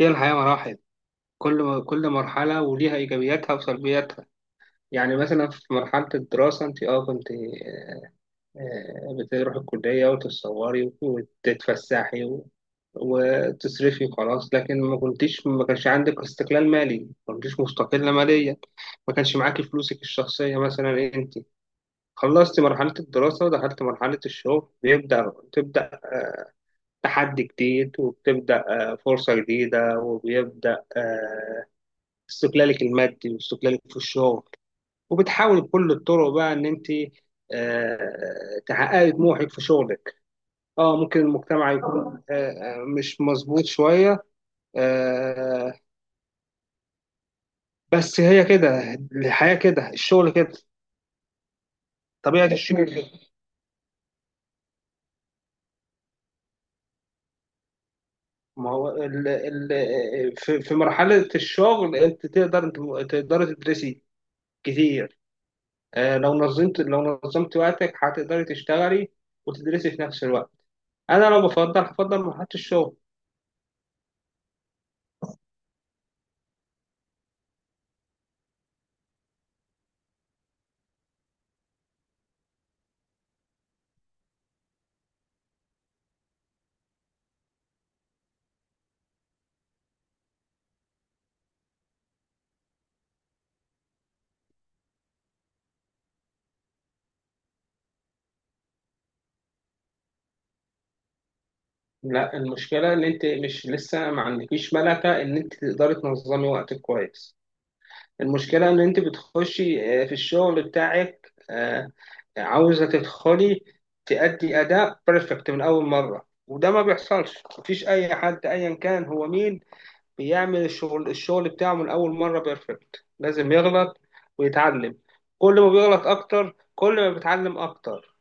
هي الحياة مراحل. كل مرحلة وليها إيجابياتها وسلبياتها. يعني مثلا في مرحلة الدراسة أنت أه كنت آه، آه، بتروحي الكلية وتتصوري وتتفسحي وتصرفي وخلاص، لكن ما كنتيش ما كانش عندك استقلال مالي، ما كنتيش مستقلة ماليا، ما كانش معاكي فلوسك الشخصية. مثلا أنت خلصت مرحلة الدراسة ودخلت مرحلة الشغل، تبدأ تحدي جديد وبتبدأ فرصة جديدة، وبيبدأ استقلالك المادي واستقلالك في الشغل، وبتحاولي بكل الطرق بقى ان انت تحققي طموحك في شغلك. اه ممكن المجتمع يكون مش مظبوط شوية، آه، بس هي كده الحياة، كده الشغل، كده طبيعة الشغل كده. ما هو ال ال في في مرحلة الشغل انت انت تقدري تدرسي كتير. لو نظمت لو نظمت وقتك هتقدري تشتغلي وتدرسي في نفس الوقت. انا لو بفضل هفضل مرحلة الشغل. لا، المشكلة إن أنت مش لسه ما عندكيش ملكة إن أنت تقدري تنظمي وقتك كويس. المشكلة إن أنت بتخشي في الشغل بتاعك عاوزة تدخلي تأدي أداء بيرفكت من أول مرة، وده ما بيحصلش. مفيش أي حد أيا كان هو مين بيعمل الشغل بتاعه من أول مرة بيرفكت. لازم يغلط ويتعلم. كل ما بيغلط أكتر كل ما بيتعلم أكتر.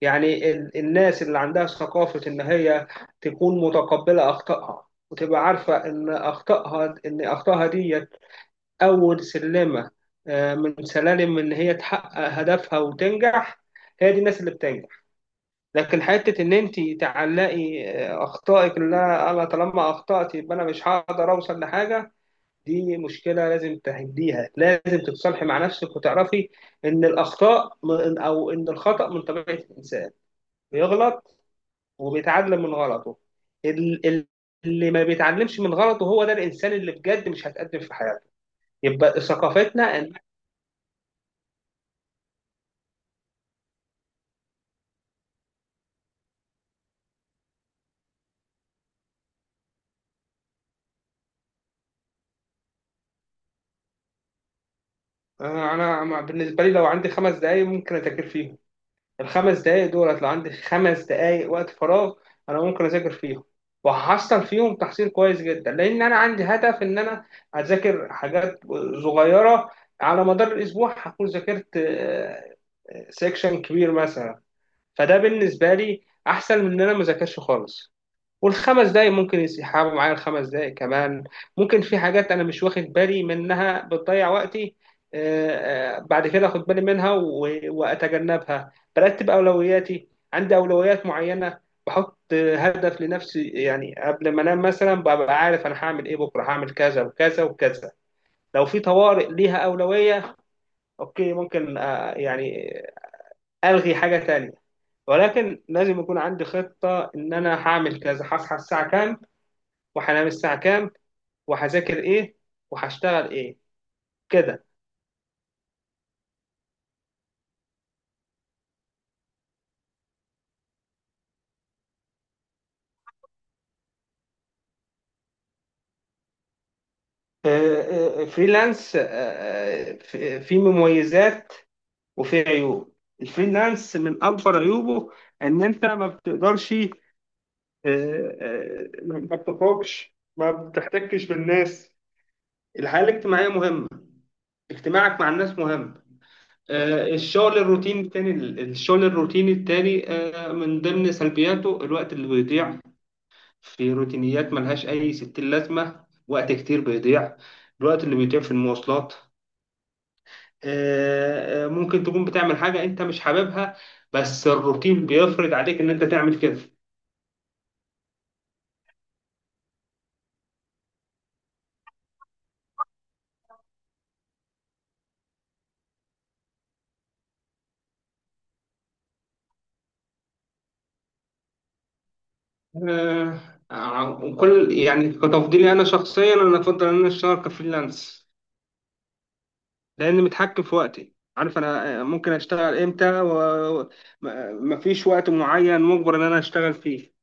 يعني الناس اللي عندها ثقافة إن هي تكون متقبلة أخطائها وتبقى عارفة إن أخطائها إن أخطائها ديت أول سلمة من سلالم إن هي تحقق هدفها وتنجح، هي دي الناس اللي بتنجح. لكن حتة إن أنت تعلقي أخطائك، لا أنا طالما أخطأت يبقى أنا مش هقدر أوصل لحاجة، دي مشكلة لازم تهديها، لازم تتصالحي مع نفسك وتعرفي إن الأخطاء أو إن الخطأ من طبيعة الإنسان، بيغلط وبيتعلم من غلطه. ال- ال- اللي ما بيتعلمش من غلطه هو ده الانسان اللي بجد مش هتقدم في حياته. يبقى ثقافتنا ان انا. بالنسبه لي لو عندي 5 دقائق ممكن اذاكر فيهم. ال5 دقائق دولت لو عندي 5 دقائق وقت فراغ انا ممكن اذاكر فيهم، وهحصل فيهم تحصيل كويس جدا، لان انا عندي هدف ان انا اذاكر حاجات صغيره. على مدار الاسبوع هكون ذاكرت سيكشن كبير مثلا. فده بالنسبه لي احسن من ان انا ما اذاكرش خالص. والخمس دقايق ممكن يسحبوا معايا ال5 دقايق كمان. ممكن في حاجات انا مش واخد بالي منها بتضيع وقتي، بعد كده اخد بالي منها واتجنبها. برتب اولوياتي، عندي اولويات معينه. بحط هدف لنفسي، يعني قبل ما انام مثلا ببقى عارف انا هعمل ايه بكره، هعمل كذا وكذا وكذا. لو في طوارئ ليها اولويه اوكي، ممكن يعني الغي حاجه تانية، ولكن لازم يكون عندي خطه ان انا هعمل كذا، هصحى الساعه كام وهنام الساعة كام وهذاكر إيه وهشتغل إيه. كده. فريلانس، في في مميزات وفي عيوب. الفريلانس من أكبر عيوبه إن أنت ما بتقدرش ما بتخرجش، ما بتحتكش بالناس. الحياة الاجتماعية مهمة، اجتماعك مع الناس مهم. الشغل الروتيني التاني، الشغل الروتيني التاني من ضمن سلبياته الوقت اللي بيضيع في روتينيات ملهاش أي ستين لازمة. وقت كتير بيضيع، الوقت اللي بيضيع في المواصلات. ممكن تكون بتعمل حاجة أنت مش حاببها، بس الروتين بيفرض عليك إن أنت تعمل كده. آه، آه، كل يعني كتفضيلي أنا شخصيا أنا أفضل إن أنا أشتغل كفريلانس، لأن متحكم في وقتي، عارف أنا ممكن أشتغل إمتى، ومفيش وقت معين مجبر إن أنا أشتغل فيه.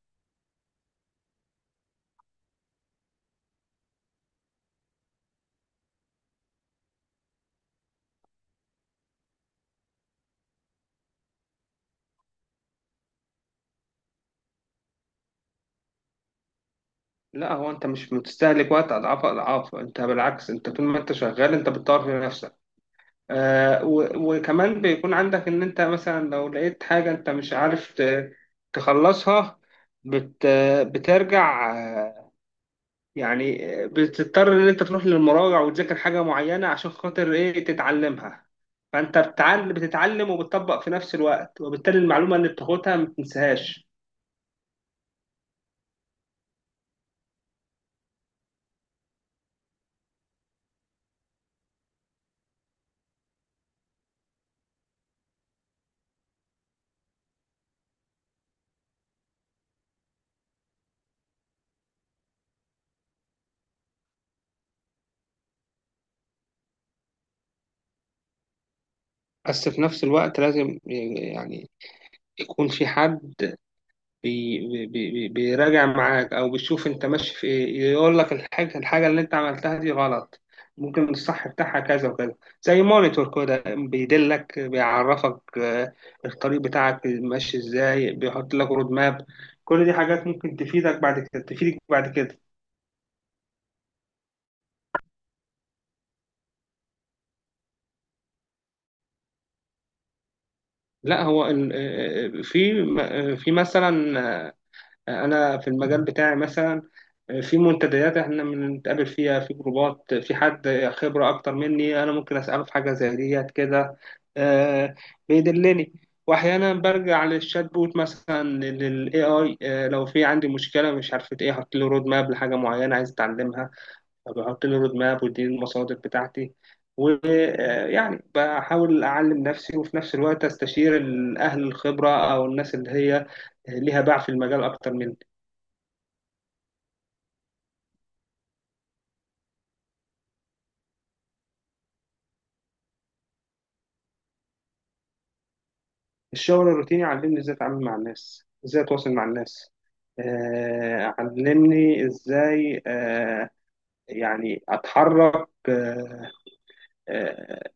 لا هو انت مش بتستهلك وقت اضعاف انت بالعكس انت طول ما انت شغال انت بتطور في نفسك. آه وكمان بيكون عندك ان انت مثلا لو لقيت حاجة انت مش عارف تخلصها، بت بترجع بتضطر ان انت تروح للمراجع وتذاكر حاجة معينة عشان خاطر ايه تتعلمها. فانت بتتعلم بتتعلم وبتطبق في نفس الوقت، وبالتالي المعلومة اللي بتاخدها ما بتنساهاش. بس في نفس الوقت لازم يعني يكون في حد بي بي بي بيراجع معاك او بيشوف انت ماشي في ايه، يقول لك الحاجه الحاجه اللي انت عملتها دي غلط، ممكن الصح بتاعها كذا وكذا. زي مونيتور كده بيدلك، بيعرفك الطريق بتاعك ماشي ازاي، بيحط لك رود ماب. كل دي حاجات ممكن تفيدك بعد كده تفيدك بعد كده. لا هو في في مثلا انا في المجال بتاعي مثلا في منتديات احنا بنتقابل فيها، في جروبات، في حد خبرة اكتر مني انا ممكن اساله في حاجة زي ديت كده. آه، بيدلني. واحيانا برجع للشات بوت مثلا، للاي اي، لو في عندي مشكله مش عارفه ايه احط له رود ماب لحاجه معينه عايز اتعلمها، فبحط له رود ماب ودي المصادر بتاعتي. ويعني بحاول اعلم نفسي، وفي نفس الوقت استشير الاهل الخبره او الناس اللي هي ليها باع في المجال اكتر مني. الشغل الروتيني علمني ازاي اتعامل مع الناس، ازاي اتواصل مع الناس. علمني ازاي اتحرك، آه،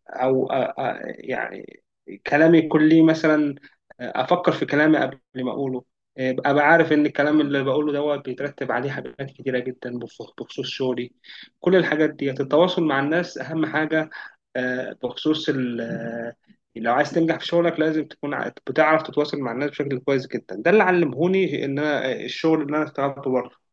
او آه، يعني كلامي يكون ليه مثلا، افكر في كلامي قبل ما اقوله. ابقى عارف ان الكلام اللي بقوله دوت بيترتب عليه حاجات كتيره جدا بخصوص شغلي. كل الحاجات دي، التواصل مع الناس اهم حاجه. آه، بخصوص ال- آه، لو عايز تنجح في شغلك لازم تكون بتعرف تتواصل مع الناس بشكل كويس جدا. ده اللي علمهوني ان انا الشغل اللي انا اشتغلته بره.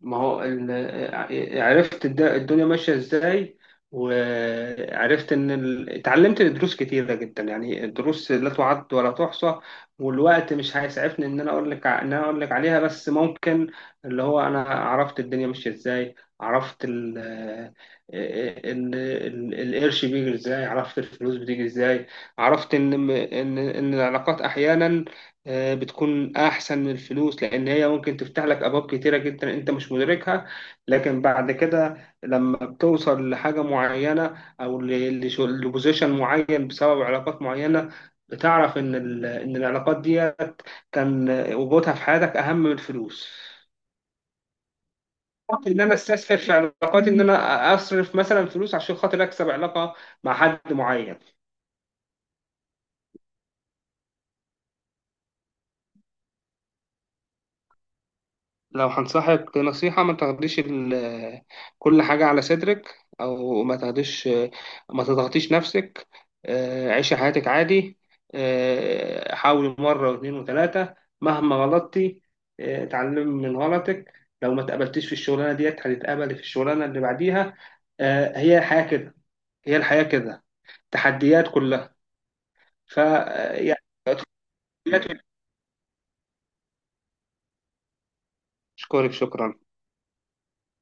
ما هو ال- ع- عرفت الدنيا ماشية ازاي. وعرفت ان ال، اتعلمت دروس كتيرة جدا، يعني الدروس لا تعد ولا تحصى، والوقت مش هيسعفني ان انا اقول لك عليها، بس ممكن اللي هو انا عرفت الدنيا ماشية ازاي، عرفت القرش بيجي ازاي، عرفت الفلوس بتيجي ازاي، عرفت ان العلاقات احيانا بتكون أحسن من الفلوس، لأن هي ممكن تفتح لك أبواب كتيرة جدا أنت مش مدركها. لكن بعد كده لما بتوصل لحاجة معينة أو لبوزيشن معين بسبب علاقات معينة، بتعرف إن إن العلاقات ديت كان وجودها في حياتك أهم من الفلوس. فكرت إن أنا أستسهل في علاقاتي، إن أنا أصرف مثلا فلوس عشان خاطر أكسب علاقة مع حد معين. لو هنصحك نصيحة، ما تاخديش كل حاجة على صدرك، أو ما تاخديش، ما تضغطيش نفسك. عيشي حياتك عادي. حاولي مرة و2 و3، مهما غلطتي اتعلمي من غلطك. لو ما تقبلتيش في الشغلانة ديت هتتقبلي في الشغلانة اللي بعديها. هي الحياة كده، هي الحياة كده، تحديات كلها. ف آه، يعني تحديات. اشكرك شكرا.